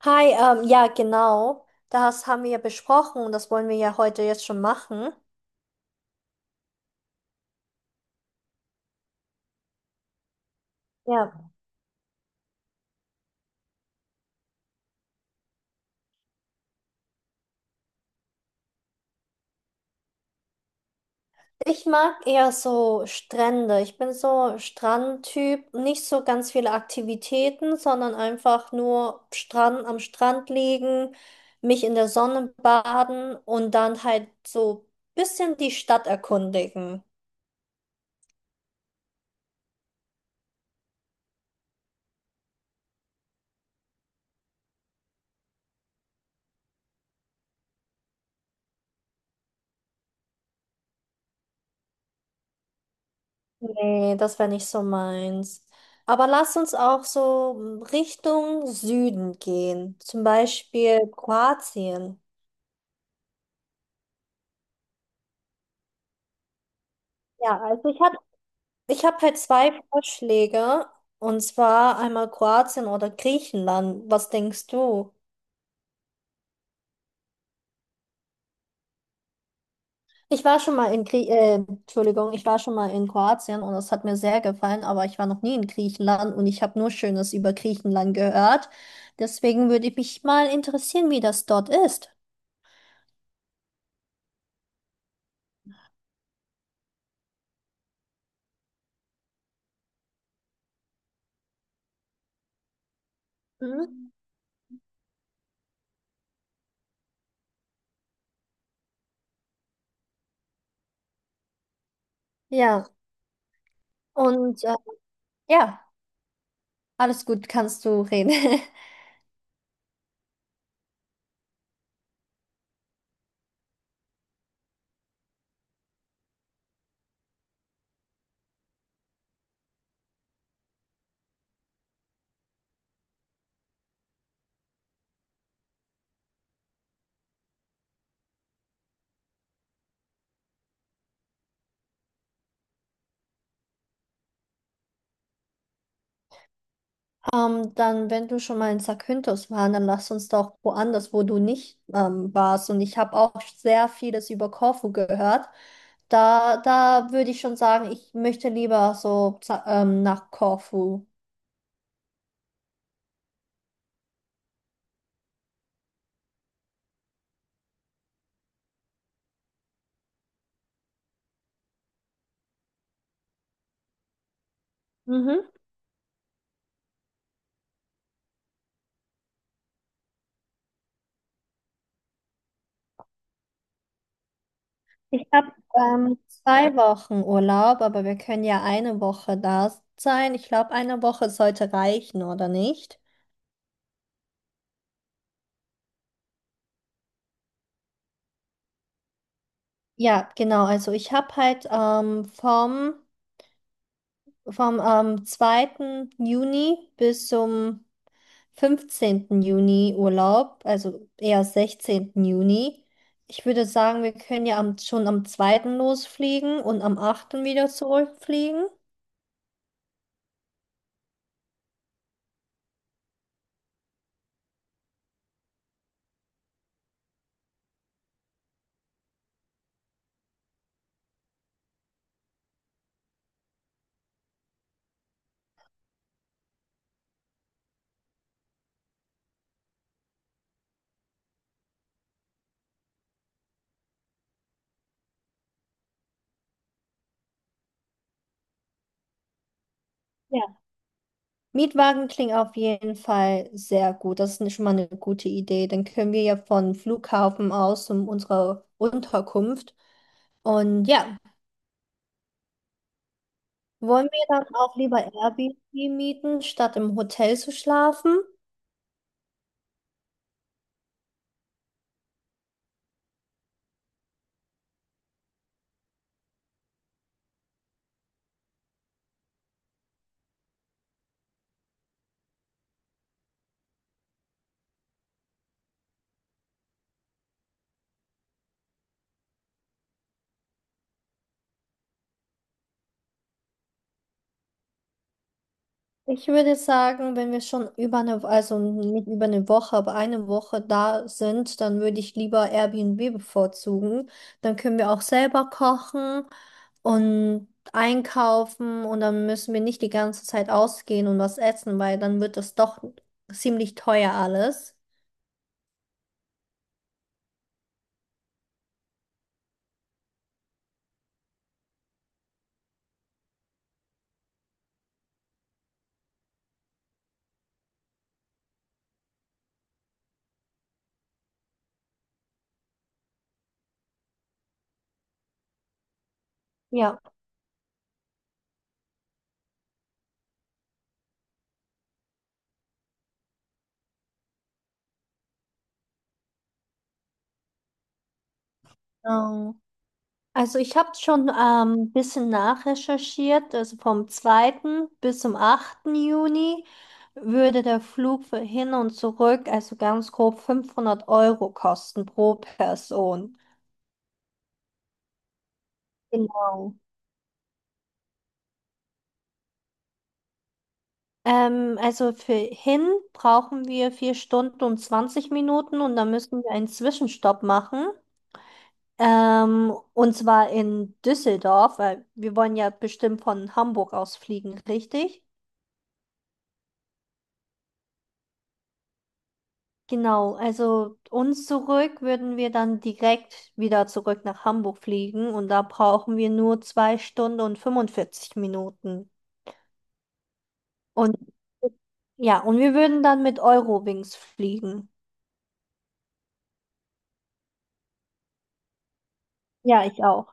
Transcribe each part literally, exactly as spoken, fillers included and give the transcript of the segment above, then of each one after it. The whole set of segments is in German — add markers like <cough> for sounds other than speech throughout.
Hi, ähm, ja, genau. Das haben wir ja besprochen und das wollen wir ja heute jetzt schon machen. Ja, ich mag eher so Strände. Ich bin so Strandtyp. Nicht so ganz viele Aktivitäten, sondern einfach nur Strand, am Strand liegen, mich in der Sonne baden und dann halt so bisschen die Stadt erkundigen. Nee, das wäre nicht so meins. Aber lass uns auch so Richtung Süden gehen, zum Beispiel Kroatien. Ja, also ich habe ich hab halt zwei Vorschläge, und zwar einmal Kroatien oder Griechenland. Was denkst du? Ich war schon mal in Grie äh, Entschuldigung, ich war schon mal in Kroatien und es hat mir sehr gefallen, aber ich war noch nie in Griechenland und ich habe nur Schönes über Griechenland gehört. Deswegen würde ich mich mal interessieren, wie das dort ist. Mhm. Ja. Und äh, ja, alles gut, kannst du reden. <laughs> Ähm, dann, wenn du schon mal in Zakynthos warst, dann lass uns doch woanders, wo du nicht ähm, warst. Und ich habe auch sehr vieles über Korfu gehört. Da, da würde ich schon sagen, ich möchte lieber so za- ähm, nach Korfu. Mhm. Ich habe ähm, zwei Wochen Urlaub, aber wir können ja eine Woche da sein. Ich glaube, eine Woche sollte reichen, oder nicht? Ja, genau. Also ich habe halt ähm, vom Vom ähm, zweiten Juni bis zum fünfzehnten Juni Urlaub, also eher sechzehnten Juni. Ich würde sagen, wir können ja am, schon am zweiten losfliegen und am achten wieder zurückfliegen. Ja. Mietwagen klingt auf jeden Fall sehr gut. Das ist schon mal eine gute Idee. Dann können wir ja von Flughafen aus um unsere Unterkunft. Und ja, wollen wir dann auch lieber Airbnb mieten, statt im Hotel zu schlafen? Ich würde sagen, wenn wir schon über eine, also nicht über eine Woche, aber eine Woche da sind, dann würde ich lieber Airbnb bevorzugen. Dann können wir auch selber kochen und einkaufen und dann müssen wir nicht die ganze Zeit ausgehen und was essen, weil dann wird das doch ziemlich teuer alles. Ja. Also ich habe schon ähm, ein ähm, bisschen nachrecherchiert. Also vom zweiten bis zum achten Juni würde der Flug für hin und zurück, also ganz grob fünfhundert Euro kosten pro Person. Genau. Ähm, also für hin brauchen wir vier Stunden und zwanzig Minuten und dann müssen wir einen Zwischenstopp machen. Ähm, und zwar in Düsseldorf, weil wir wollen ja bestimmt von Hamburg aus fliegen, richtig? Genau, also uns zurück würden wir dann direkt wieder zurück nach Hamburg fliegen und da brauchen wir nur zwei Stunden und fünfundvierzig Minuten. Und ja, und wir würden dann mit Eurowings fliegen. Ja, ich auch.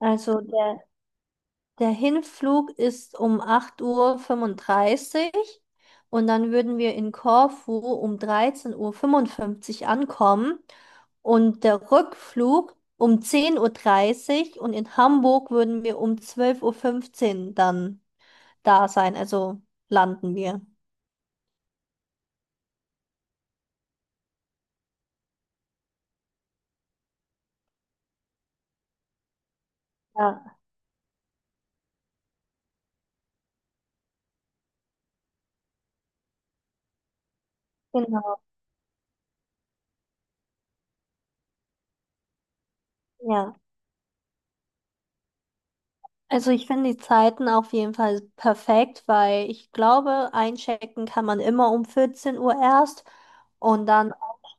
Also der, der Hinflug ist um acht Uhr fünfunddreißig und dann würden wir in Korfu um dreizehn Uhr fünfundfünfzig ankommen. Und der Rückflug um zehn Uhr dreißig und in Hamburg würden wir um zwölf Uhr fünfzehn dann da sein. Also landen wir. Ja, genau. Ja. Also ich finde die Zeiten auf jeden Fall perfekt, weil ich glaube, einchecken kann man immer um vierzehn Uhr erst und dann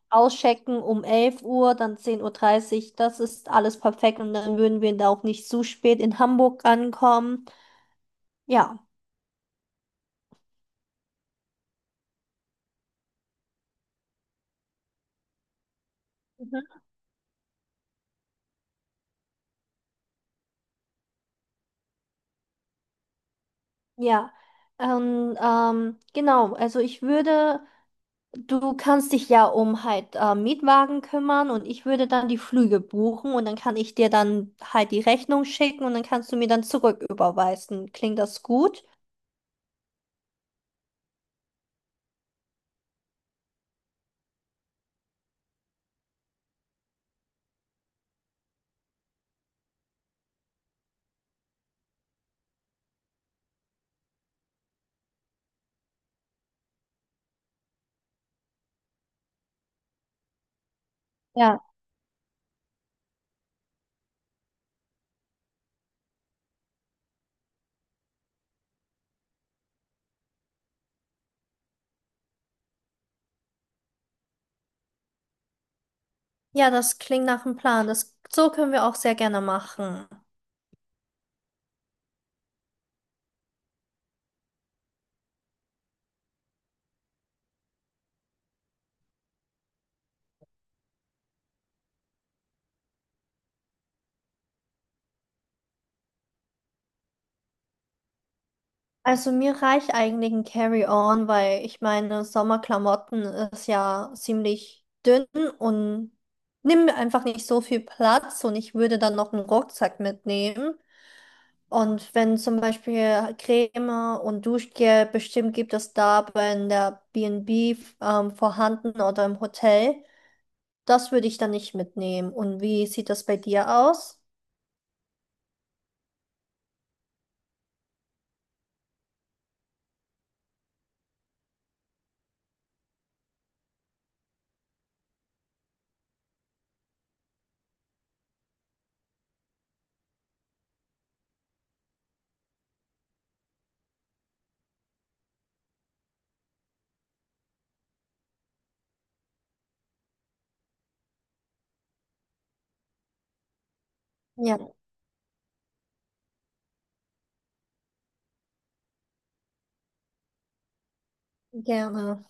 auschecken um elf Uhr, dann zehn Uhr. dreißig. Das ist alles perfekt und dann würden wir da auch nicht zu spät in Hamburg ankommen. Ja. Ja, ähm, ähm, genau. Also ich würde, du kannst dich ja um halt äh, Mietwagen kümmern und ich würde dann die Flüge buchen und dann kann ich dir dann halt die Rechnung schicken und dann kannst du mir dann zurück überweisen. Klingt das gut? Ja. Ja, das klingt nach einem Plan. Das, so können wir auch sehr gerne machen. Also mir reicht eigentlich ein Carry-on, weil ich meine, Sommerklamotten ist ja ziemlich dünn und nimmt mir einfach nicht so viel Platz und ich würde dann noch einen Rucksack mitnehmen. Und wenn zum Beispiel Creme und Duschgel, bestimmt gibt es da bei in der B und B ähm, vorhanden oder im Hotel, das würde ich dann nicht mitnehmen. Und wie sieht das bei dir aus? Ja, gerne.